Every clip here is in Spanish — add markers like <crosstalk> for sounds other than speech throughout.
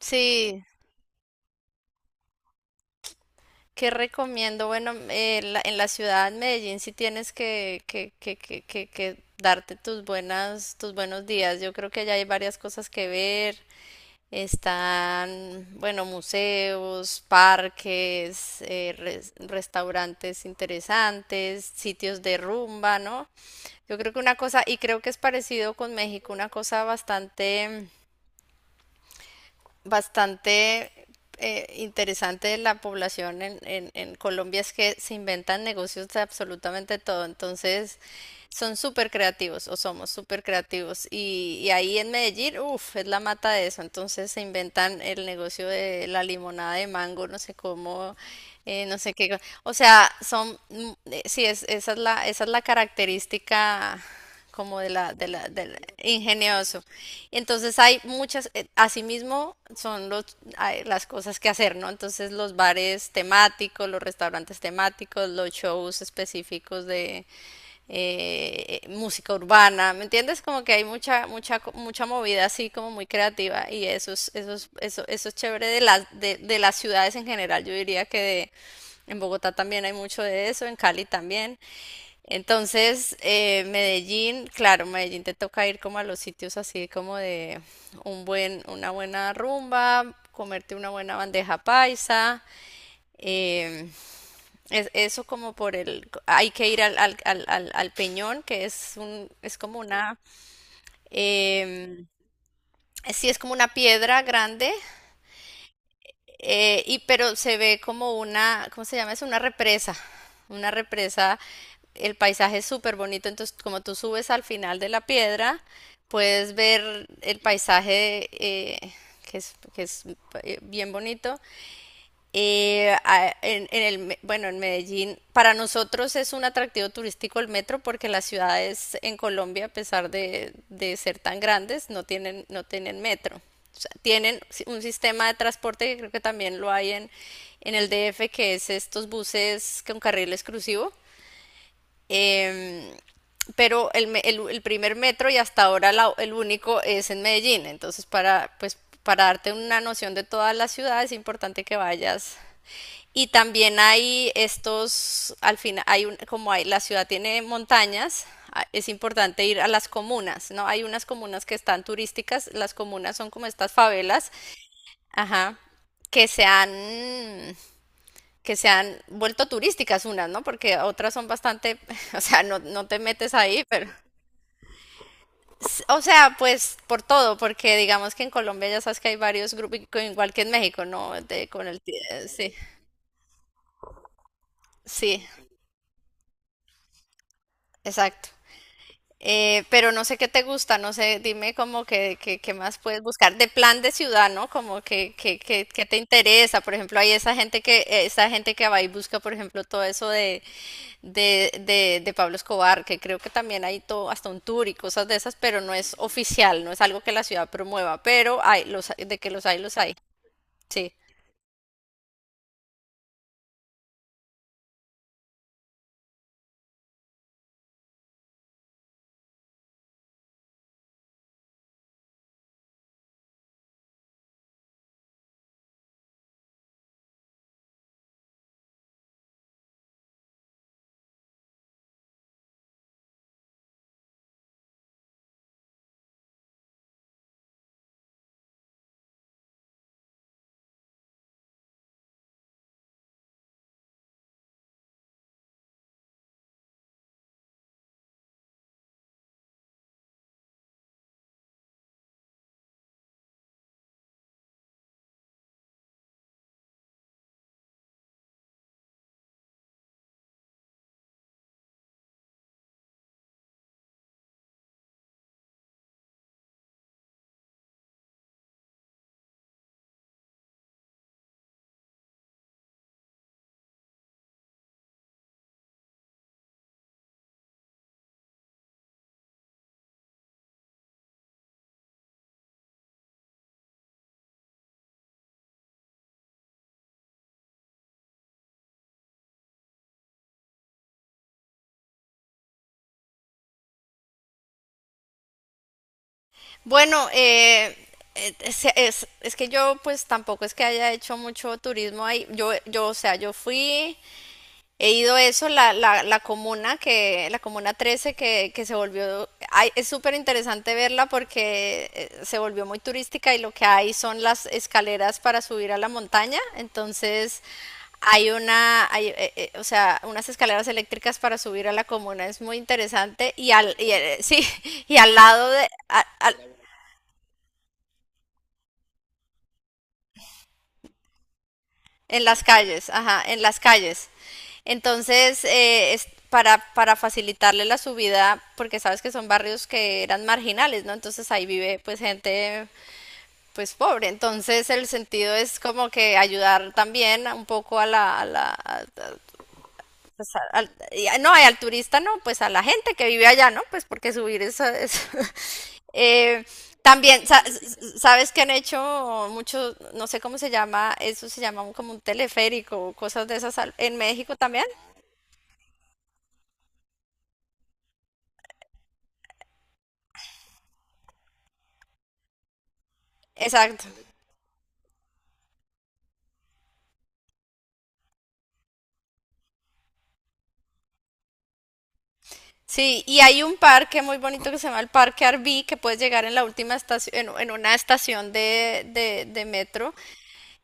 Sí, ¿qué recomiendo? Bueno, en la ciudad de Medellín sí tienes que darte tus buenos días. Yo creo que allá hay varias cosas que ver. Están, bueno, museos, parques, restaurantes interesantes, sitios de rumba, ¿no? Yo creo que una cosa, y creo que es parecido con México, una cosa bastante interesante de la población en Colombia es que se inventan negocios de absolutamente todo. Entonces, son súper creativos o somos súper creativos. Y ahí en Medellín, uff, es la mata de eso. Entonces, se inventan el negocio de la limonada de mango, no sé cómo, no sé qué. O sea, es, esa es la característica como de la, del ingenioso. Entonces hay muchas, asimismo hay las cosas que hacer, ¿no? Entonces los bares temáticos, los restaurantes temáticos, los shows específicos de música urbana, ¿me entiendes? Como que hay mucha movida así como muy creativa y eso es chévere de de las ciudades en general. Yo diría en Bogotá también hay mucho de eso, en Cali también. Entonces, Medellín, claro, Medellín te toca ir como a los sitios así como de una buena rumba, comerte una buena bandeja paisa, em, es, eso como por el, hay que ir al Peñón, que es un, es como una, em, sí, es como una piedra grande. Y pero se ve como una, ¿cómo se llama eso? Una represa, el paisaje es súper bonito, entonces como tú subes al final de la piedra, puedes ver el paisaje que es bien bonito. En bueno, en Medellín, para nosotros es un atractivo turístico el metro porque las ciudades en Colombia, a pesar de ser tan grandes, no tienen metro. O sea, tienen si- un sistema de transporte que creo que también lo hay en el DF, que es estos buses con carril exclusivo. Em, pero el primer metro y hasta ahora el único es en Medellín. Entonces, para, pues, para darte una noción de toda la ciudad es importante que vayas. Y también hay estos, al final, hay un- como hay, la ciudad tiene montañas, es importante ir a las comunas, ¿no? Hay unas comunas que están turísticas, las comunas son como estas favelas, ajá, que se han, que se han vuelto turísticas unas, ¿no? Porque otras son bastante, <laughs> o sea, no, no te metes ahí, pero... O sea, pues por todo, porque digamos que en Colombia ya sabes que hay varios grupos, igual que en México, ¿no? Sí, sí, exacto. Pero no sé qué te gusta, no sé, dime como qué más puedes buscar de plan de ciudad, ¿no? Como que te interesa, por ejemplo, hay esa gente que va y busca, por ejemplo, todo eso de Pablo Escobar, que creo que también hay todo, hasta un tour y cosas de esas, pero no es oficial, no es algo que la ciudad promueva, pero hay, los, de que los hay, sí. Bueno, es que yo pues tampoco es que haya hecho mucho turismo ahí. O sea, yo fui. He ido a eso, la la comuna 13 que se volvió, ay, es súper interesante verla porque se volvió muy turística y lo que hay son las escaleras para subir a la montaña. Entonces o sea, unas escaleras eléctricas para subir a la comuna, es muy interesante. Sí, <laughs> y al lado en las calles, ajá, en las calles. Entonces, es para facilitarle la subida, porque sabes que son barrios que eran marginales, ¿no? Entonces ahí vive pues gente pues pobre. Entonces el sentido es como que ayudar también un poco a la, pues, no, y al turista no, pues a la gente que vive allá, ¿no? Pues porque subir eso es... <laughs> Eh, también, sa- s- s- ¿sabes que han hecho muchos, no sé cómo se llama, eso se llama como un teleférico, cosas de esas en México también? Exacto. Sí, y hay un parque muy bonito que se llama el Parque Arví, que puedes llegar en la última estación, en una estación de metro.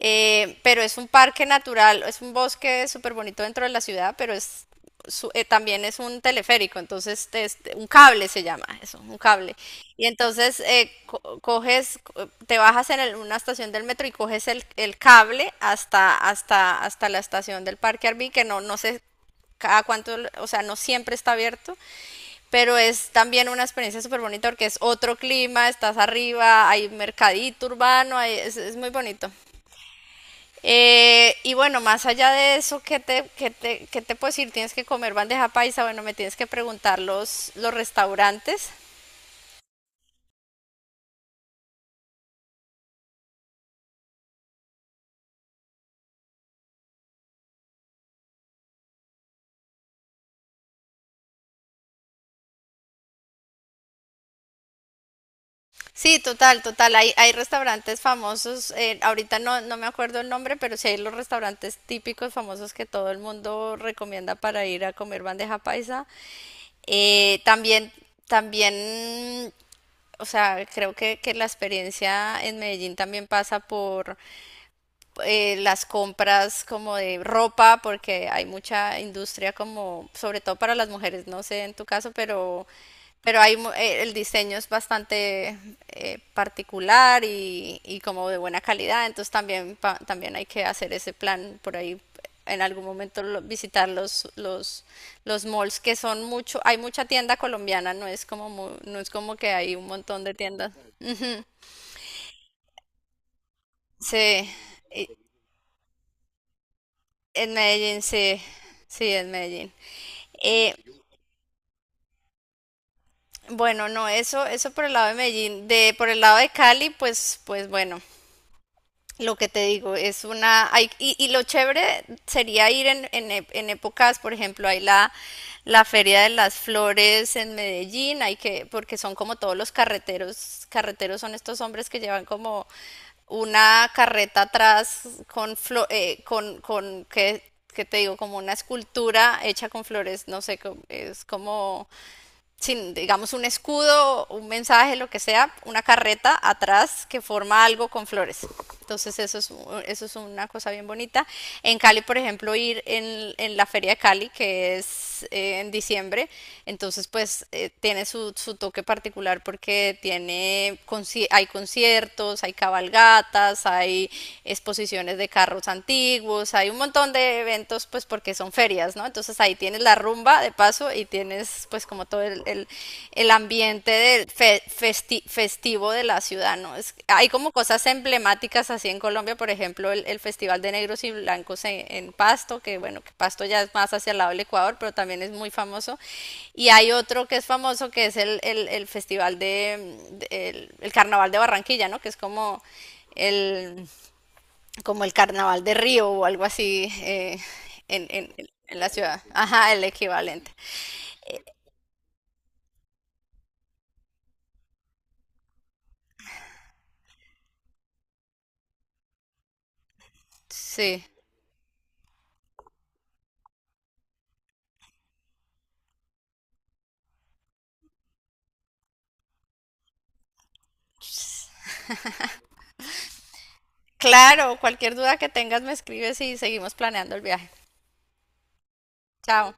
Pero es un parque natural, es un bosque súper bonito dentro de la ciudad, pero es también es un teleférico, entonces este, un cable se llama eso, un cable. Y entonces coges, te bajas en una estación del metro y coges el cable hasta la estación del Parque Arví, que no, no sé cada cuánto, o sea, no siempre está abierto, pero es también una experiencia súper bonita porque es otro clima, estás arriba, hay mercadito urbano, es muy bonito. Y bueno, más allá de eso, qué te puedo decir? ¿Tienes que comer bandeja paisa? Bueno, me tienes que preguntar los restaurantes. Sí, total, total. Hay restaurantes famosos, ahorita no, no me acuerdo el nombre, pero sí hay los restaurantes típicos famosos que todo el mundo recomienda para ir a comer bandeja paisa. Eh, también, también, o sea, creo que la experiencia en Medellín también pasa por las compras como de ropa, porque hay mucha industria como, sobre todo para las mujeres, no sé en tu caso, pero hay, el diseño es bastante particular y como de buena calidad, entonces también, también hay que hacer ese plan por ahí. En algún momento visitar los malls que son mucho, hay mucha tienda colombiana, no es como, no es como que hay un montón de tiendas. Ujú, sí, y, en Medellín, sí, sí, en Medellín. Eh, bueno, no, eso por el lado de Medellín. De, por el lado de Cali, pues, pues bueno, lo que te digo, es una, y lo chévere sería ir en épocas, por ejemplo, hay la, la Feria de las Flores en Medellín, hay que, porque son como todos los carreteros, carreteros son estos hombres que llevan como una carreta atrás con, con ¿qué, qué te digo? Como una escultura hecha con flores, no sé, es como sin, digamos, un escudo, un mensaje, lo que sea, una carreta atrás que forma algo con flores. Entonces eso es una cosa bien bonita. En Cali, por ejemplo, ir en la Feria de Cali, que es en diciembre, entonces pues tiene su, su toque particular porque tiene, hay conciertos, hay cabalgatas, hay exposiciones de carros antiguos, hay un montón de eventos pues porque porque son ferias, ¿no? Entonces ahí tienes la rumba de paso y tienes pues como todo el ambiente del festivo de la ciudad, ¿no? Es, hay como cosas emblemáticas así en Colombia, por ejemplo, el Festival de Negros y Blancos en Pasto, que bueno, que Pasto ya es más hacia el lado del Ecuador, pero también es muy famoso. Y hay otro que es famoso, que es el Festival de el Carnaval de Barranquilla, ¿no? Que es el como el Carnaval de Río o algo así en, en- en la ciudad. Ajá, el equivalente. Sí. Claro, cualquier duda que tengas me escribes y seguimos planeando el viaje. Chao.